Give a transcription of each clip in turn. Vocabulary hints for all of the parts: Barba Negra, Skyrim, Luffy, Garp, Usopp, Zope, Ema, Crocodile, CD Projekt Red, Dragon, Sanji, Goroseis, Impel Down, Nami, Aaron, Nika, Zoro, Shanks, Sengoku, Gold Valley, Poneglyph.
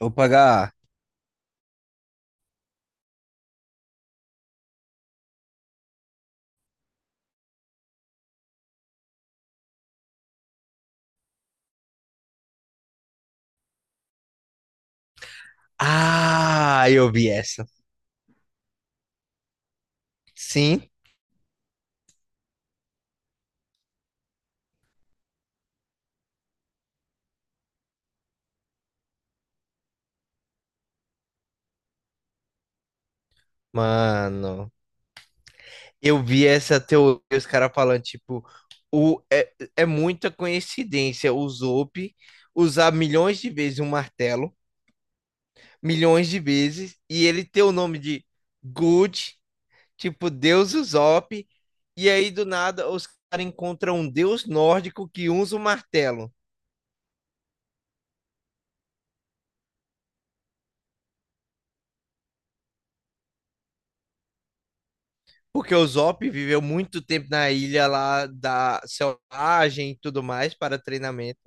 Vou pagar. Ah, eu vi essa. Sim, mano. Eu vi essa teoria, os caras falando, tipo, o, é muita coincidência o Zope usar milhões de vezes um martelo, milhões de vezes, e ele ter o nome de Good, tipo, Deus Usopp, e aí do nada os caras encontram um deus nórdico que usa o martelo. Porque o Zop viveu muito tempo na ilha lá da selvagem e tudo mais para treinamento.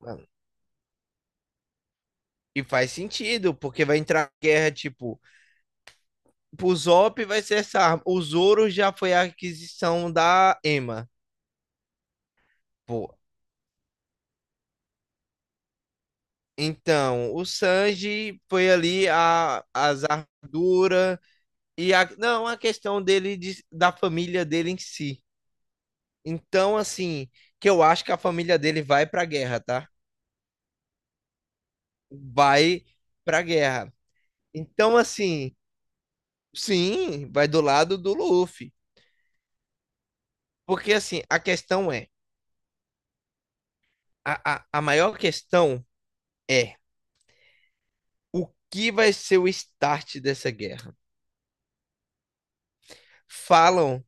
Mano. E faz sentido, porque vai entrar guerra, tipo, pro Zop vai ser essa arma. O Zoro já foi a aquisição da Ema. Pô. Então, o Sanji foi ali a, as armaduras e a, não, a questão dele da família dele em si. Então, assim, que eu acho que a família dele vai pra guerra, tá? Vai pra guerra. Então, assim, sim, vai do lado do Luffy. Porque, assim, a questão é: a maior questão é o que vai ser o start dessa guerra? Falam,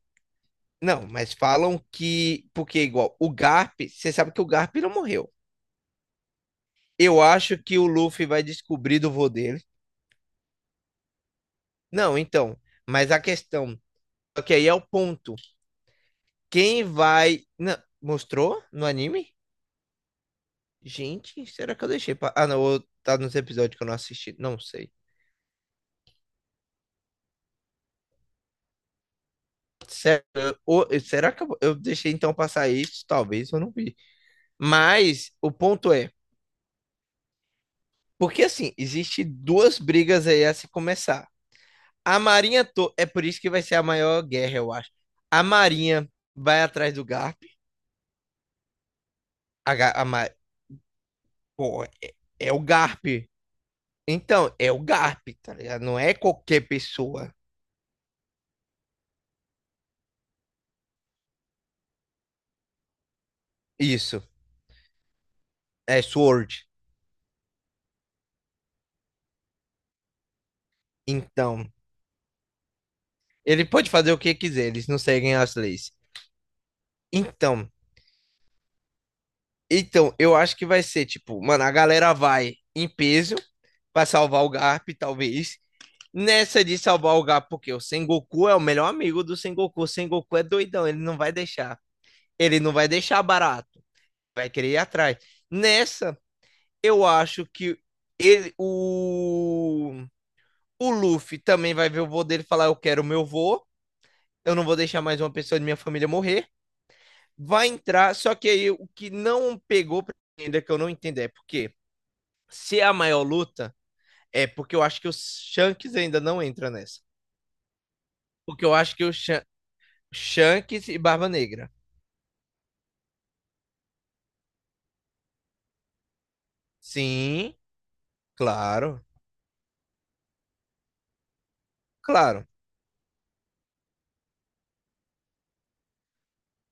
não, mas falam que. Porque, igual, o Garp, você sabe que o Garp não morreu. Eu acho que o Luffy vai descobrir do vô dele. Não, então, mas a questão. Só que aí é o ponto. Quem vai. Não, mostrou no anime? Gente, será que eu deixei? Pra... Ah, não, tá nos episódios que eu não assisti. Não sei. Sério, será que eu deixei então passar isso? Talvez eu não vi. Mas o ponto é, porque assim, existe duas brigas aí a se começar. A Marinha, é por isso que vai ser a maior guerra, eu acho. A Marinha vai atrás do Garp. A, Ga- a Ma- Pô, é o Garp. Então, é o Garp, tá ligado? Não é qualquer pessoa. Isso, é Sword. Então, ele pode fazer o que quiser, eles não seguem as leis. Então, Então, eu acho que vai ser, tipo, mano, a galera vai em peso pra salvar o Garp, talvez. Nessa de salvar o Garp, porque o Sengoku é o melhor amigo do Sengoku. O Sengoku é doidão, ele não vai deixar. Ele não vai deixar barato. Vai querer ir atrás. Nessa, eu acho que ele, o, o Luffy também vai ver o vô dele e falar: Eu quero o meu vô, eu não vou deixar mais uma pessoa de minha família morrer. Vai entrar, só que aí o que não pegou pra mim ainda que eu não entendo é porque se é a maior luta, é porque eu acho que o Shanks ainda não entra nessa. Porque eu acho que o Shanks e Barba Negra. Sim, claro, claro.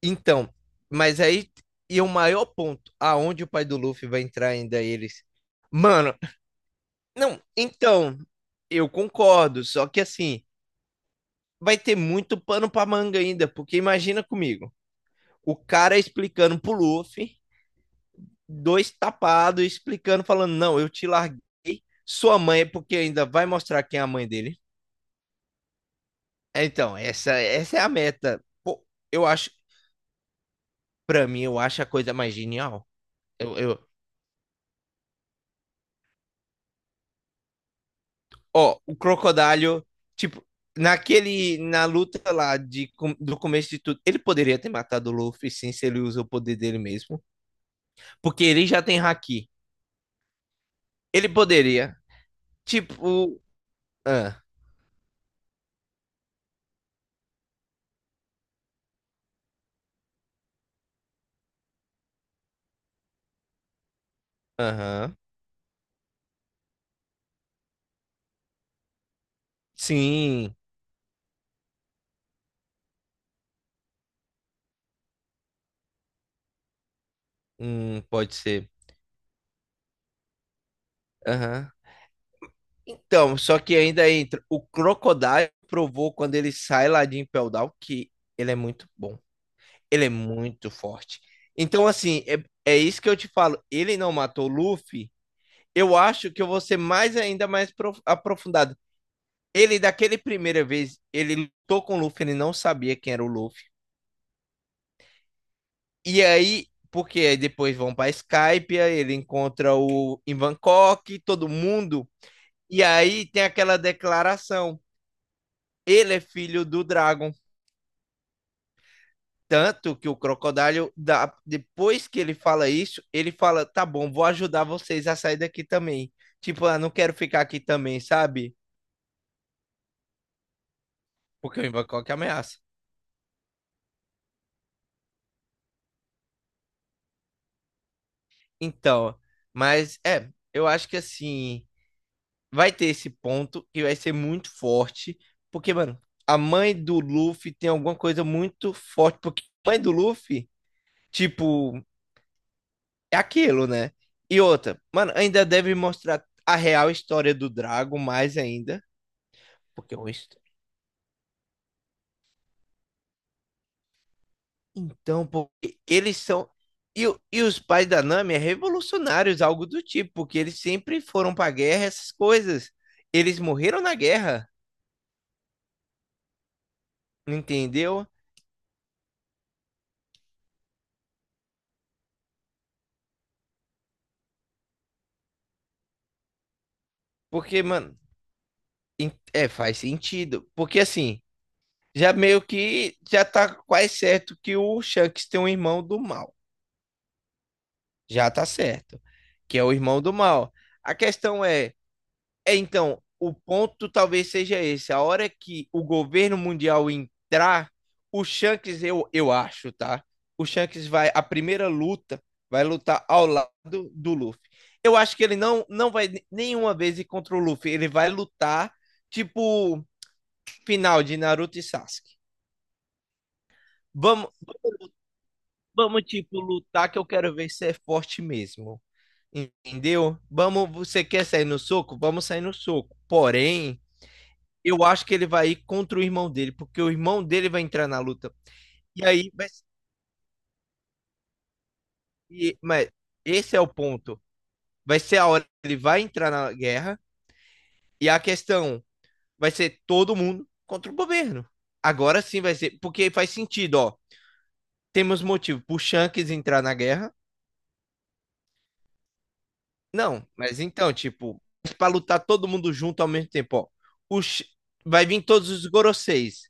Então, mas aí, e o maior ponto, aonde o pai do Luffy vai entrar ainda eles? Mano, não, então, eu concordo, só que assim, vai ter muito pano pra manga ainda, porque imagina comigo, o cara explicando pro Luffy dois tapados, explicando, falando: não, eu te larguei, sua mãe, é porque ainda vai mostrar quem é a mãe dele. É, então, essa é a meta. Pô, eu acho, pra mim, eu acho a coisa mais genial. Eu, eu, ó, o Crocodile, tipo, naquele, na luta lá de, do começo de tudo, ele poderia ter matado o Luffy, sim, se ele usa o poder dele mesmo, porque ele já tem haki. Ele poderia, tipo, ah, aham, sim, pode ser, aham. Então, só que ainda entra. O Crocodile provou quando ele sai lá de Impel Down que ele é muito bom. Ele é muito forte. Então, assim, é, é isso que eu te falo. Ele não matou o Luffy. Eu acho que eu vou ser mais ainda mais aprofundado. Ele, daquele primeira vez, ele lutou com o Luffy, ele não sabia quem era o Luffy. E aí, porque aí depois vão pra Skype, ele encontra o em Bangkok, todo mundo. E aí tem aquela declaração. Ele é filho do Dragon. Tanto que o Crocodile, depois que ele fala isso, ele fala: tá bom, vou ajudar vocês a sair daqui também. Tipo, ah, não quero ficar aqui também, sabe? Porque o Invacock ameaça. Então, mas é, eu acho que assim, vai ter esse ponto que vai ser muito forte. Porque, mano, a mãe do Luffy tem alguma coisa muito forte. Porque a mãe do Luffy, tipo, é aquilo, né? E outra, mano, ainda deve mostrar a real história do Drago mais ainda. Porque é uma então, porque eles são. E, e os pais da Nami é revolucionários, algo do tipo, porque eles sempre foram pra guerra, essas coisas. Eles morreram na guerra, entendeu? Porque, mano, é, faz sentido. Porque assim, já meio que já tá quase certo que o Shanks tem um irmão do mal. Já tá certo. Que é o irmão do mal. A questão é. É, então, o ponto talvez seja esse. A hora que o governo mundial entrar, o Shanks, eu acho, tá? O Shanks vai, a primeira luta, vai lutar ao lado do Luffy. Eu acho que ele não vai nenhuma vez ir contra o Luffy. Ele vai lutar, tipo, final de Naruto e Sasuke. Vamos, vamos tipo, lutar que eu quero ver se é forte mesmo. Entendeu? Vamos, você quer sair no soco? Vamos sair no soco. Porém, eu acho que ele vai ir contra o irmão dele, porque o irmão dele vai entrar na luta. E aí, vai ser- e- mas esse é o ponto. Vai ser a hora que ele vai entrar na guerra, e a questão vai ser todo mundo contra o governo. Agora sim vai ser, porque faz sentido, ó. Temos motivo pro Shanks entrar na guerra? Não, mas então, tipo, pra lutar todo mundo junto ao mesmo tempo, ó. O Sh- Vai vir todos os Goroseis.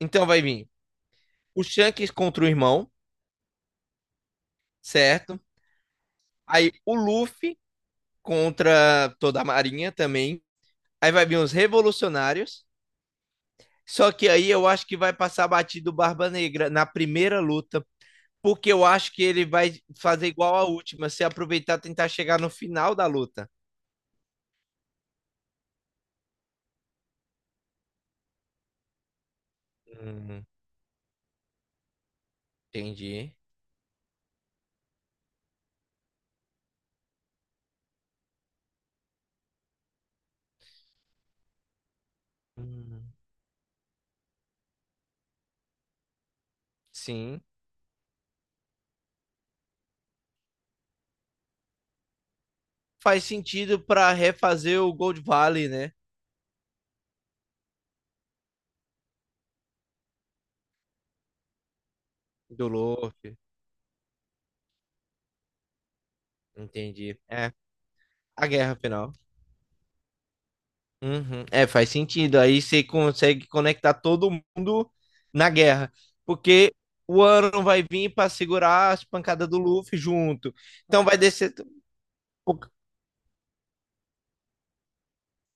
Então vai vir o Shanks contra o irmão, certo? Aí o Luffy contra toda a Marinha também. Aí vai vir os revolucionários. Só que aí eu acho que vai passar batido Barba Negra na primeira luta, porque eu acho que ele vai fazer igual a última, se aproveitar e tentar chegar no final da luta. Hum, entendi. Hum, sim. Faz sentido para refazer o Gold Valley, né? Do Luffy. Entendi. É, a guerra final. Uhum. É, faz sentido. Aí você consegue conectar todo mundo na guerra. Porque o Aaron vai vir para segurar as pancadas do Luffy junto. Então vai descer.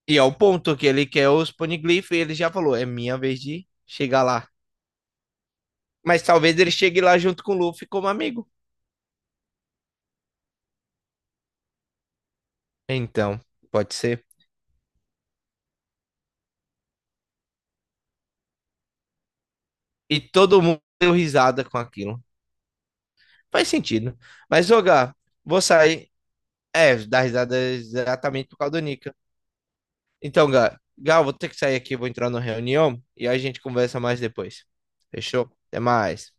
E é o ponto que ele quer os Poneglyph. E ele já falou: é minha vez de chegar lá. Mas talvez ele chegue lá junto com o Luffy como amigo. Então, pode ser. E todo mundo deu risada com aquilo. Faz sentido. Mas, ô, Gá, vou sair. É, dar risada exatamente por causa do Nika. Então, Gal, Gal, vou ter que sair aqui, vou entrar na reunião e aí a gente conversa mais depois. Fechou? Até mais.